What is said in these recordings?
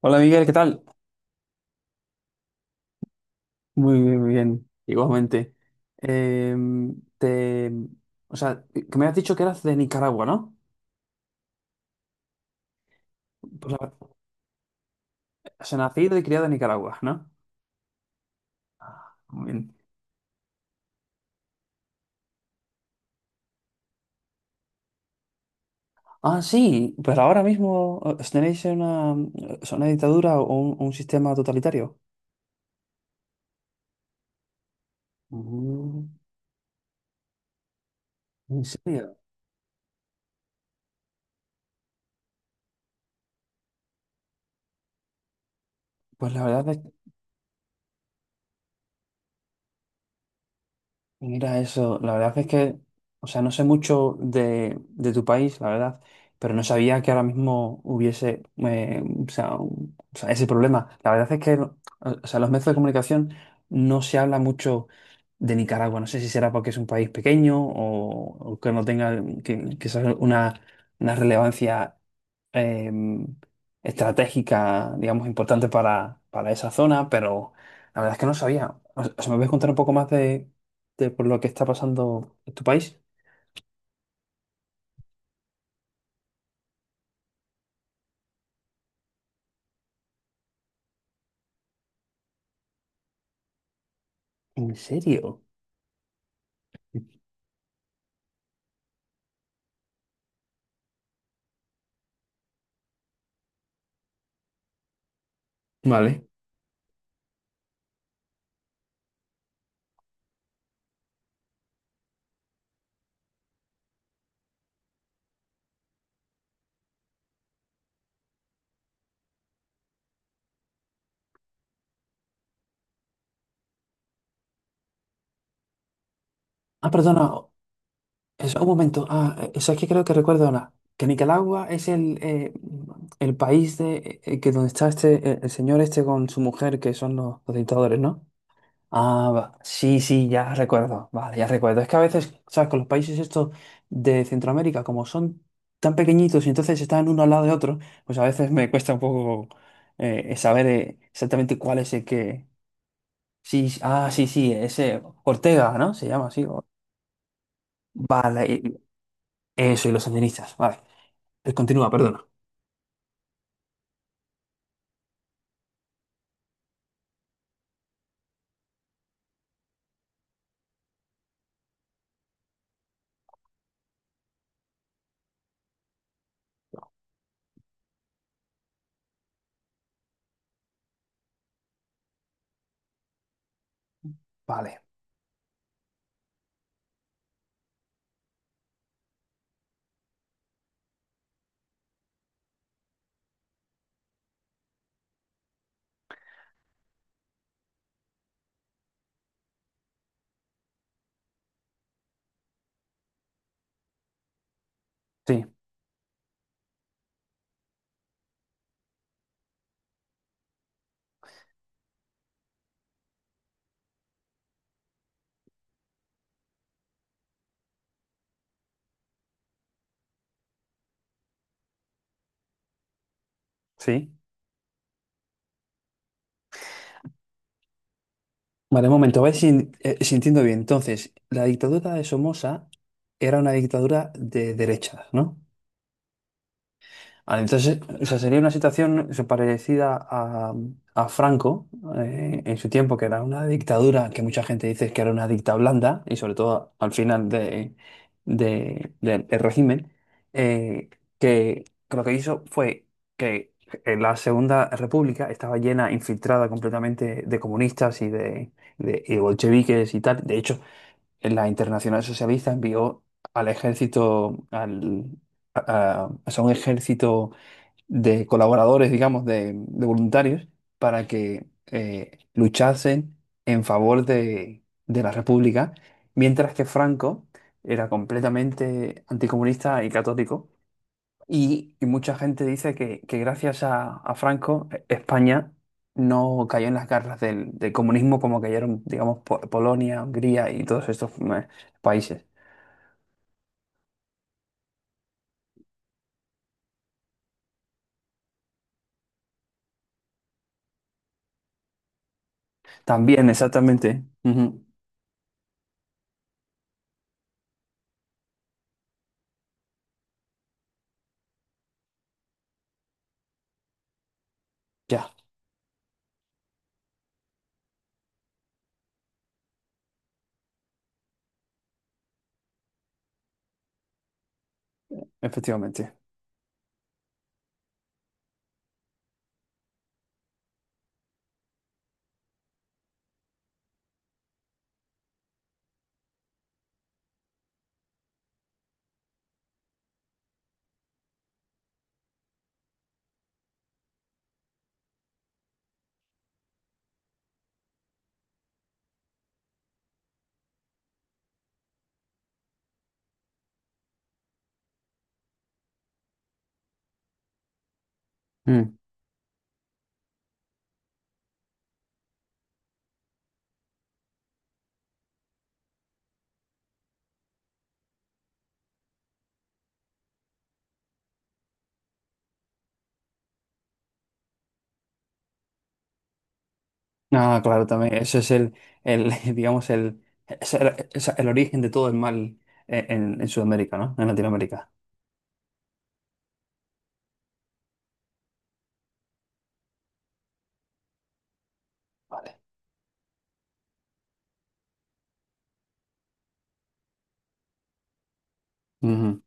Hola Miguel, ¿qué tal? Muy bien, igualmente. Eh, te, o sea, que me has dicho que eras de Nicaragua, ¿no? Pues, nacido y criado en Nicaragua, ¿no? Muy bien. Ah, sí, pero ahora mismo tenéis una, o una dictadura o un sistema totalitario. Mm, ¿en serio? Pues la verdad es. Mira eso, la verdad es que, o sea, no sé mucho de tu país, la verdad, pero no sabía que ahora mismo hubiese, o sea, o sea, ese problema. La verdad es que, o sea, los medios de comunicación no se habla mucho de Nicaragua. No sé si será porque es un país pequeño o que no tenga que sea una relevancia eh, estratégica, digamos, importante para esa zona, pero la verdad es que no sabía. O sea, ¿me puedes contar un poco más de por lo que está pasando en tu país? ¿En serio? Vale. Ah, perdona, un momento. Ah, eso es que creo que recuerdo ahora. Que Nicaragua es el país de que donde está este el señor este con su mujer, que son los dictadores, ¿no? Ah, va. Sí, sí, ya recuerdo. Vale, ya recuerdo. Es que a veces, ¿sabes? Con los países estos de Centroamérica, como son tan pequeñitos y entonces están uno al lado de otro, pues a veces me cuesta un poco saber exactamente cuál es el que. Sí, sí, ah, sí, sí, ese Ortega, ¿no? Se llama así. Vale, eso, y los sandinistas, vale. Continúa, perdona. Vale, sí, sí. Vale, un momento, a ver si, si entiendo bien. Entonces, la dictadura de Somoza era una dictadura de derechas, ¿no? Vale, entonces, o sea, sería una situación eso, parecida a Franco en su tiempo, que era una dictadura que mucha gente dice que era una dicta blanda, y sobre todo al final de, del del régimen, eh, que lo que hizo fue que en la Segunda República estaba llena, infiltrada completamente de comunistas y de, y de bolcheviques y tal. De hecho, la Internacional Socialista envió al ejército, al, o sea, un ejército de colaboradores, digamos, de voluntarios, para que luchasen en favor de la República, mientras que Franco era completamente anticomunista y católico. Y mucha gente dice que gracias a Franco, España no cayó en las garras del, del comunismo como cayeron, digamos, Polonia, Hungría y todos estos países. También, exactamente. Ujú. Ya, efectivamente. Ah, claro, también. Ese es el digamos, el, es el, es el origen de todo el mal en, en Sudamérica, ¿no? En Latinoamérica. Vale. Ujú.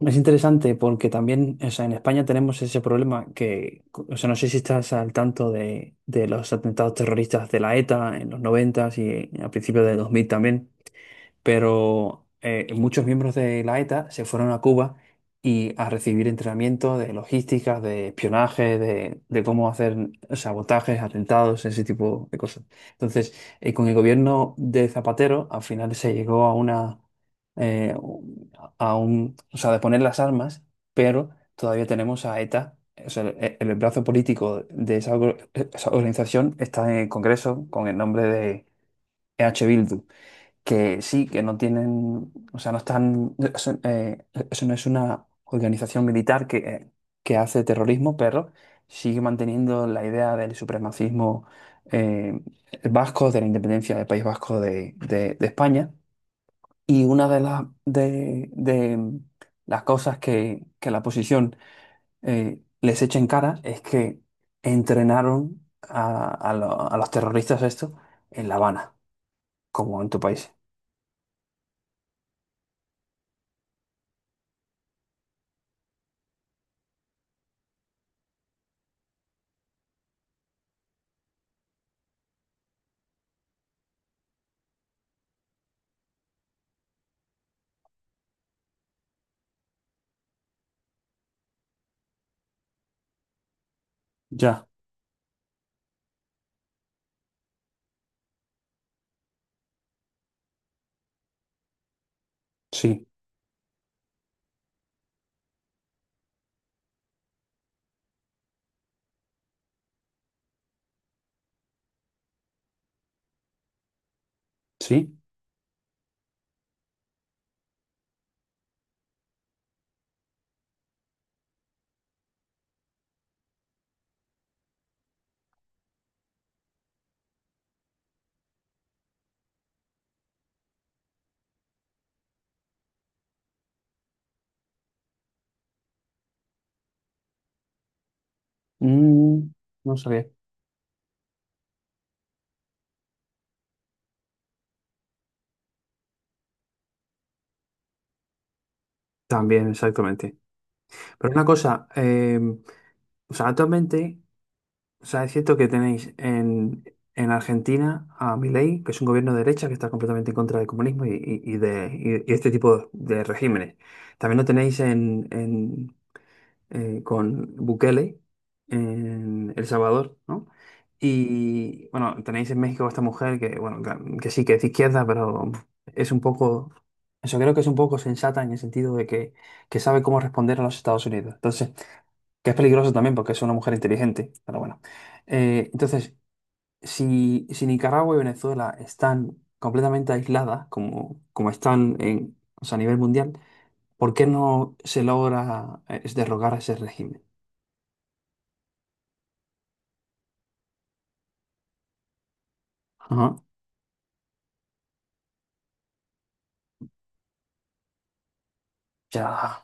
Es interesante porque también, o sea, en España tenemos ese problema que, o sea, no sé si estás al tanto de los atentados terroristas de la ETA en los 90 y a principios de 2000 también. Pero muchos miembros de la ETA se fueron a Cuba y a recibir entrenamiento de logística, de espionaje, de cómo hacer sabotajes, atentados, ese tipo de cosas. Entonces, con el gobierno de Zapatero, al final se llegó a una, eh, o sea, de poner las armas, pero todavía tenemos a ETA. O sea, el brazo político de esa, esa organización está en el Congreso con el nombre de Bildu que sí, que no tienen, o sea, no están, eso, eso no es una organización militar que hace terrorismo, pero sigue manteniendo la idea del supremacismo eh, vasco, de la independencia del País Vasco de, de España. Y una de las cosas que la oposición les echa en cara es que entrenaron a, a los terroristas esto en La Habana, como en tu país. Ya, sí. Sí, mm, no sabía. También, exactamente. Pero una cosa, o sea, actualmente, o sea, es cierto que tenéis en Argentina a Milei, que es un gobierno de derecha que está completamente en contra del comunismo y, y este tipo de regímenes. También lo tenéis en, con Bukele en El Salvador, ¿no? Y bueno, tenéis en México a esta mujer que, bueno, que sí que es de izquierda, pero es un poco, eso creo que es un poco sensata en el sentido de que sabe cómo responder a los Estados Unidos. Entonces, que es peligroso también porque es una mujer inteligente, pero bueno. Entonces, si, si Nicaragua y Venezuela están completamente aisladas, como, como están en, o sea, a nivel mundial, ¿por qué no se logra derrocar a ese régimen? Ajá. Ya,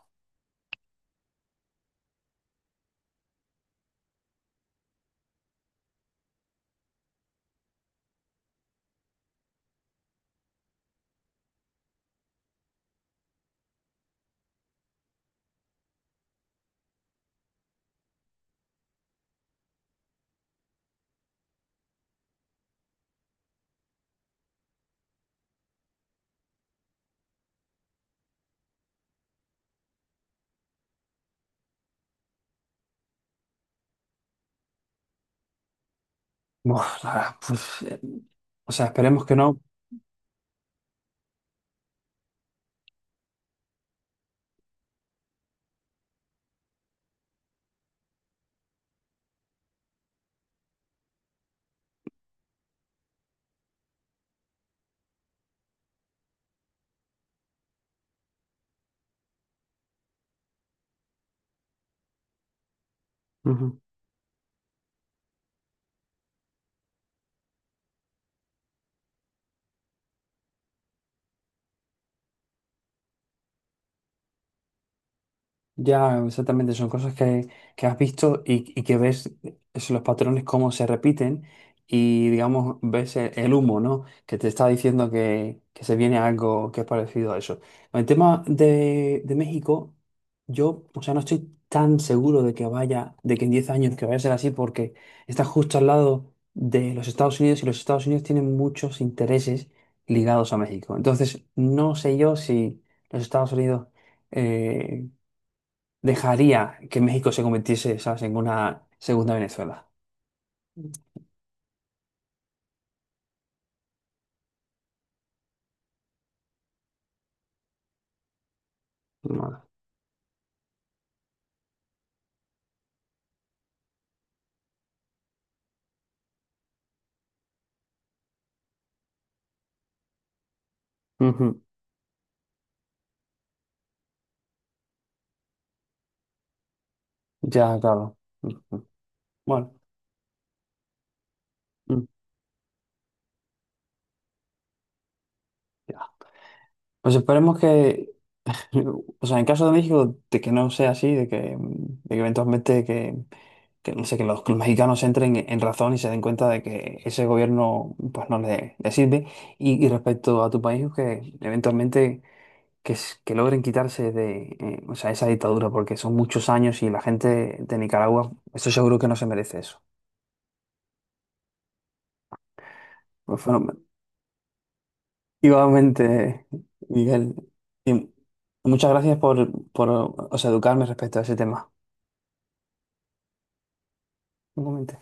buah, la pues, o sea, esperemos que no. Ujú. Ya, exactamente, son cosas que has visto y que ves es los patrones cómo se repiten y, digamos, ves el humo, ¿no? Que te está diciendo que se viene algo que es parecido a eso. Con el tema de México, yo, o sea, no estoy tan seguro de que vaya, de que en 10 años que vaya a ser así porque está justo al lado de los Estados Unidos y los Estados Unidos tienen muchos intereses ligados a México. Entonces, no sé yo si los Estados Unidos eh, dejaría que México se convirtiese, ¿sabes?, en una segunda Venezuela. Vale. Ujú. Ya, claro. Ujú. Bueno, mm, ya. Pues esperemos que, o sea, en caso de México, de que no sea así, de que, mm, de que eventualmente que, no sé, que los mexicanos entren en razón y se den cuenta de que ese gobierno pues no le, le sirve. Y respecto a tu país, que eventualmente que, que logren quitarse de, o sea, esa dictadura, porque son muchos años y la gente de Nicaragua, estoy seguro que no se merece eso. Pues bueno, igualmente, Miguel, y muchas gracias por, o sea, educarme respecto a ese tema. Igualmente.